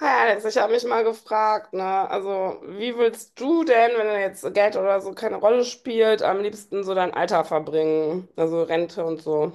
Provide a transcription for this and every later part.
Ja, jetzt ich habe mich mal gefragt, ne? Also, wie willst du denn, wenn jetzt Geld oder so keine Rolle spielt, am liebsten so dein Alter verbringen? Also Rente und so.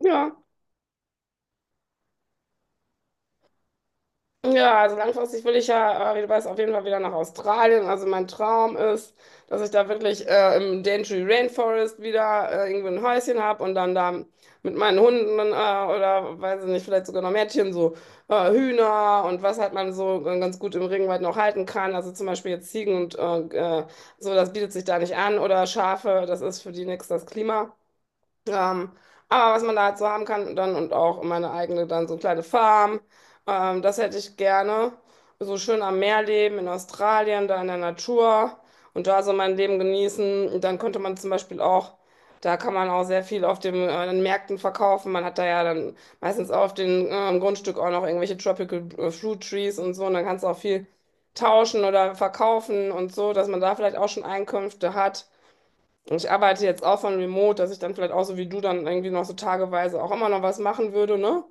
Ja. Ja, also langfristig will ich ja, wie du weißt, auf jeden Fall wieder nach Australien. Also mein Traum ist, dass ich da wirklich im Daintree Rainforest wieder irgendwo ein Häuschen habe und dann da mit meinen Hunden oder weiß ich nicht, vielleicht sogar noch Mädchen, so Hühner und was halt man so ganz gut im Regenwald noch halten kann. Also zum Beispiel jetzt Ziegen und äh, so, das bietet sich da nicht an oder Schafe, das ist für die nix das Klima. Ähm, aber was man da halt so haben kann dann und auch meine eigene dann so kleine Farm, das hätte ich gerne. So schön am Meer leben in Australien, da in der Natur und da so mein Leben genießen. Und dann könnte man zum Beispiel auch, da kann man auch sehr viel auf den Märkten verkaufen. Man hat da ja dann meistens auf dem Grundstück auch noch irgendwelche Tropical Fruit Trees und so und dann kannst du auch viel tauschen oder verkaufen und so, dass man da vielleicht auch schon Einkünfte hat. Ich arbeite jetzt auch von Remote, dass ich dann vielleicht auch so wie du dann irgendwie noch so tageweise auch immer noch was machen würde, ne?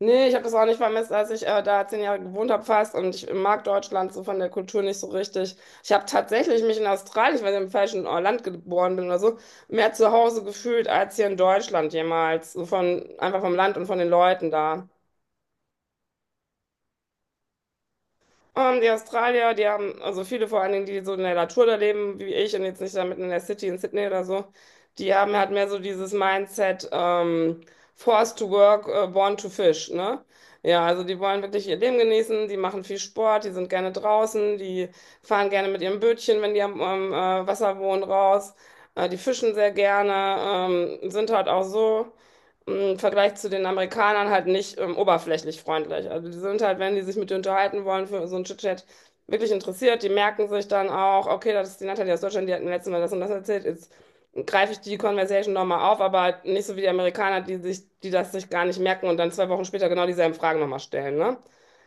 Nee, ich habe das auch nicht vermisst, als ich da 10 Jahre gewohnt habe fast und ich mag Deutschland so von der Kultur nicht so richtig. Ich habe tatsächlich mich in Australien, weil ich im falschen Land geboren bin oder so, mehr zu Hause gefühlt als hier in Deutschland jemals. So von, einfach vom Land und von den Leuten da. Die Australier, die haben, also viele vor allen Dingen, die so in der Natur da leben, wie ich und jetzt nicht da mitten in der City in Sydney oder so, die haben halt mehr so dieses Mindset, forced to work, born to fish, ne? Ja, also die wollen wirklich ihr Leben genießen, die machen viel Sport, die sind gerne draußen, die fahren gerne mit ihrem Bötchen, wenn die am Wasser wohnen, raus, die fischen sehr gerne, sind halt auch so im Vergleich zu den Amerikanern halt nicht oberflächlich freundlich. Also die sind halt, wenn die sich mit dir unterhalten wollen, für so ein Chit-Chat wirklich interessiert, die merken sich dann auch, okay, das ist die Natalie aus Deutschland, die hat mir letztes Mal das und das erzählt, jetzt greife ich die Conversation nochmal auf, aber halt nicht so wie die Amerikaner, die das sich gar nicht merken und dann 2 Wochen später genau dieselben Fragen nochmal stellen, ne?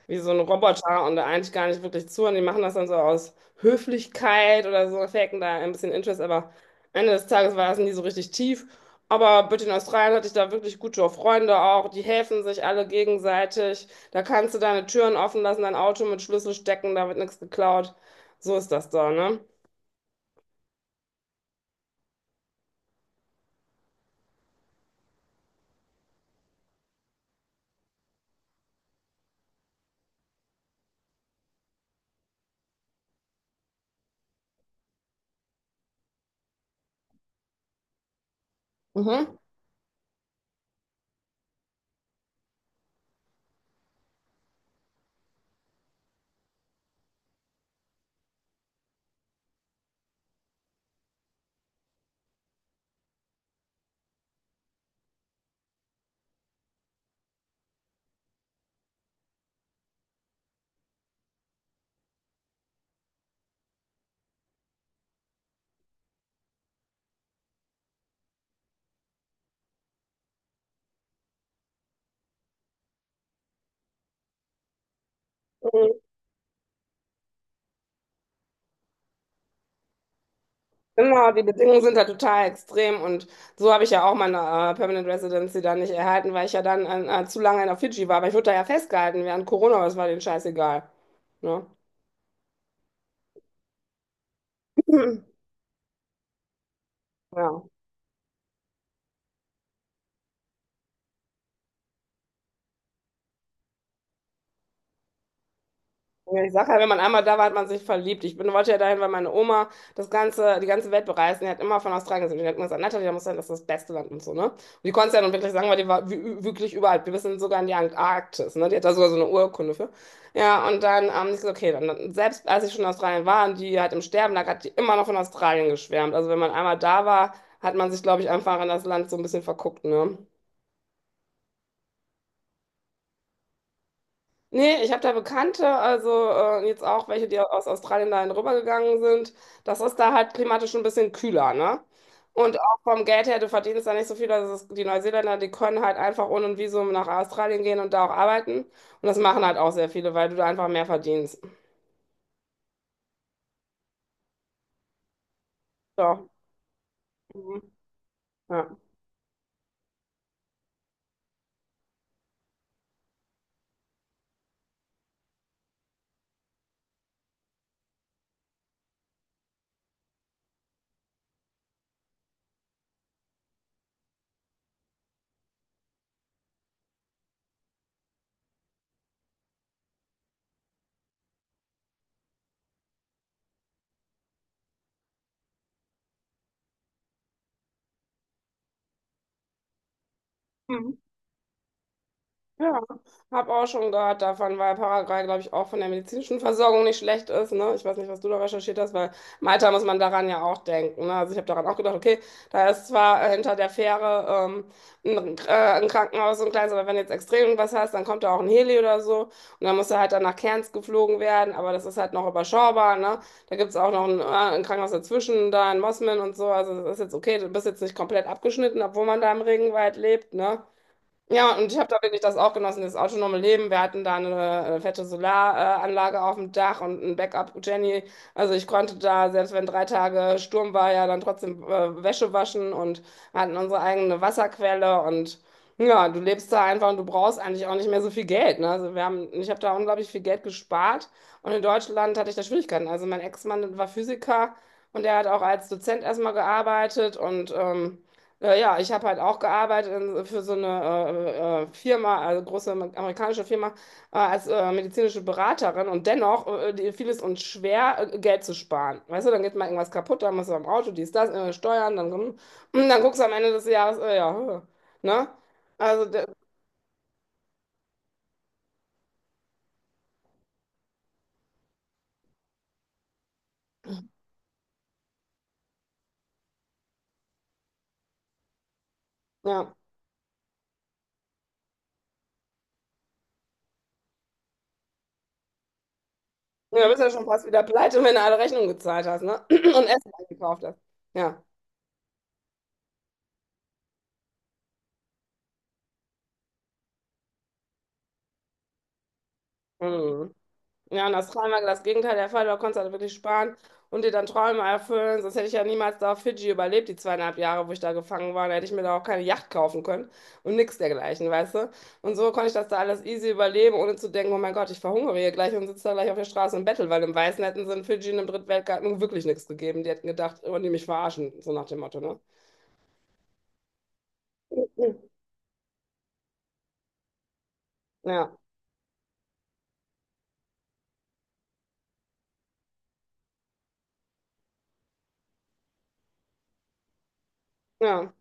Wie so ein Roboter und da eigentlich gar nicht wirklich zu und die machen das dann so aus Höflichkeit oder so, faken da ein bisschen Interest, aber Ende des Tages war es nie so richtig tief. Aber bitte in Australien hatte ich da wirklich gute Freunde auch. Die helfen sich alle gegenseitig. Da kannst du deine Türen offen lassen, dein Auto mit Schlüssel stecken, da wird nichts geklaut. So ist das da, ne? Mhm. Mhm. Genau, die Bedingungen sind da total extrem und so habe ich ja auch meine Permanent Residency dann nicht erhalten, weil ich ja dann zu lange in der Fidschi war. Aber ich wurde da ja festgehalten während Corona, aber es war denen scheißegal. Ne? Ja. Ja, ich sage ja, wenn man einmal da war, hat man sich verliebt. Ich bin, wollte ja dahin, weil meine Oma die ganze Welt bereist. Und die hat immer von Australien gesehen. Und die hat immer gesagt, Natalia, da muss sein, das ist das beste Land und so, ne? Und die konnte es ja nun wirklich sagen, weil die war wirklich überall. Wir sind sogar in die Antarktis, ne? Die hat da sogar so eine Urkunde für. Ja, und dann, ich so, okay, selbst als ich schon in Australien war und die halt im Sterben lag, hat die immer noch von Australien geschwärmt. Also wenn man einmal da war, hat man sich, glaube ich, einfach an das Land so ein bisschen verguckt, ne? Nee, ich habe da Bekannte, also jetzt auch welche, die aus Australien dahin rübergegangen sind. Das ist da halt klimatisch ein bisschen kühler, ne? Und auch vom Geld her, du verdienst da nicht so viel. Also die Neuseeländer, die können halt einfach ohne ein Visum nach Australien gehen und da auch arbeiten. Und das machen halt auch sehr viele, weil du da einfach mehr verdienst. So. Mhm. Ja. Ja, habe auch schon gehört davon, weil Paraguay, glaube ich, auch von der medizinischen Versorgung nicht schlecht ist. Ne? Ich weiß nicht, was du da recherchiert hast, weil Malta muss man daran ja auch denken. Ne? Also ich habe daran auch gedacht, okay, da ist zwar hinter der Fähre ähm, ein, äh, ein Krankenhaus und ein kleines, aber wenn du jetzt extrem irgendwas hast, dann kommt da auch ein Heli oder so und dann musst du halt dann nach Cairns geflogen werden, aber das ist halt noch überschaubar. Ne? Da gibt es auch noch ein Krankenhaus dazwischen, da in Mosman und so. Also das ist jetzt okay, du bist jetzt nicht komplett abgeschnitten, obwohl man da im Regenwald lebt. Ne? Ja, und ich habe da wirklich das auch genossen, das autonome Leben. Wir hatten da fette Solaranlage auf dem Dach und ein Backup-Jenny. Also ich konnte da, selbst wenn 3 Tage Sturm war, ja dann trotzdem Wäsche waschen und hatten unsere eigene Wasserquelle und ja, du lebst da einfach und du brauchst eigentlich auch nicht mehr so viel Geld. Ne? Also ich habe da unglaublich viel Geld gespart und in Deutschland hatte ich da Schwierigkeiten. Also mein Ex-Mann war Physiker und er hat auch als Dozent erstmal gearbeitet und ja, ich habe halt auch gearbeitet in, für so eine Firma, also große amerikanische Firma, als medizinische Beraterin und dennoch fiel es uns schwer, Geld zu sparen. Weißt du, dann geht mal irgendwas kaputt, dann musst du am Auto, dies, das, Steuern, dann, und dann guckst du am Ende des Jahres, ja, ne? Also, der- ja. Ja, du bist ja schon fast wieder pleite, wenn du alle Rechnungen gezahlt hast, ne? Und Essen gekauft hast. Ja. Mhm. Ja, und das war immer das Gegenteil der Fall. Du konntest halt wirklich sparen und dir dann Träume erfüllen. Sonst hätte ich ja niemals da auf Fidschi überlebt, die 2,5 Jahre, wo ich da gefangen war. Da hätte ich mir da auch keine Yacht kaufen können und nichts dergleichen, weißt du? Und so konnte ich das da alles easy überleben, ohne zu denken, oh mein Gott, ich verhungere hier gleich und sitze da gleich auf der Straße und bettel, weil im Weißen hätten sie in Fidschi in einem Drittweltgarten nun wirklich nichts gegeben. Die hätten gedacht, oh, die mich verarschen, so nach dem Motto, ne? Ja, ja,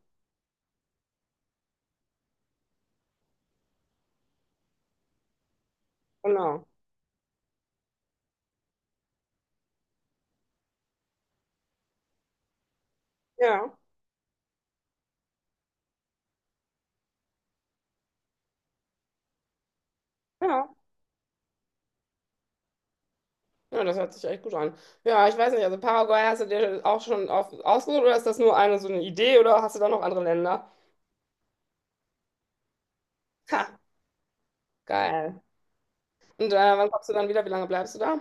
genau. Ja, ja. Ja, das hört sich echt gut an. Ja, ich weiß nicht, also Paraguay hast du dir auch schon auf, ausgesucht oder ist das nur eine so eine Idee oder hast du da noch andere Länder? Ha, geil. Und wann kommst du dann wieder? Wie lange bleibst du da?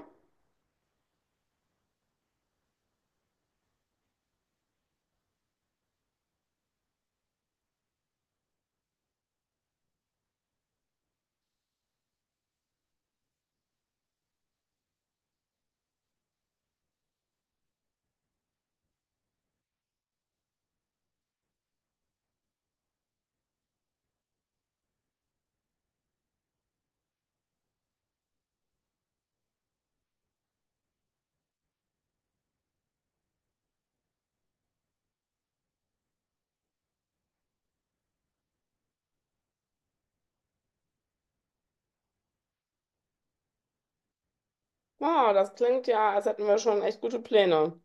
Wow, das klingt ja, als hätten wir schon echt gute Pläne.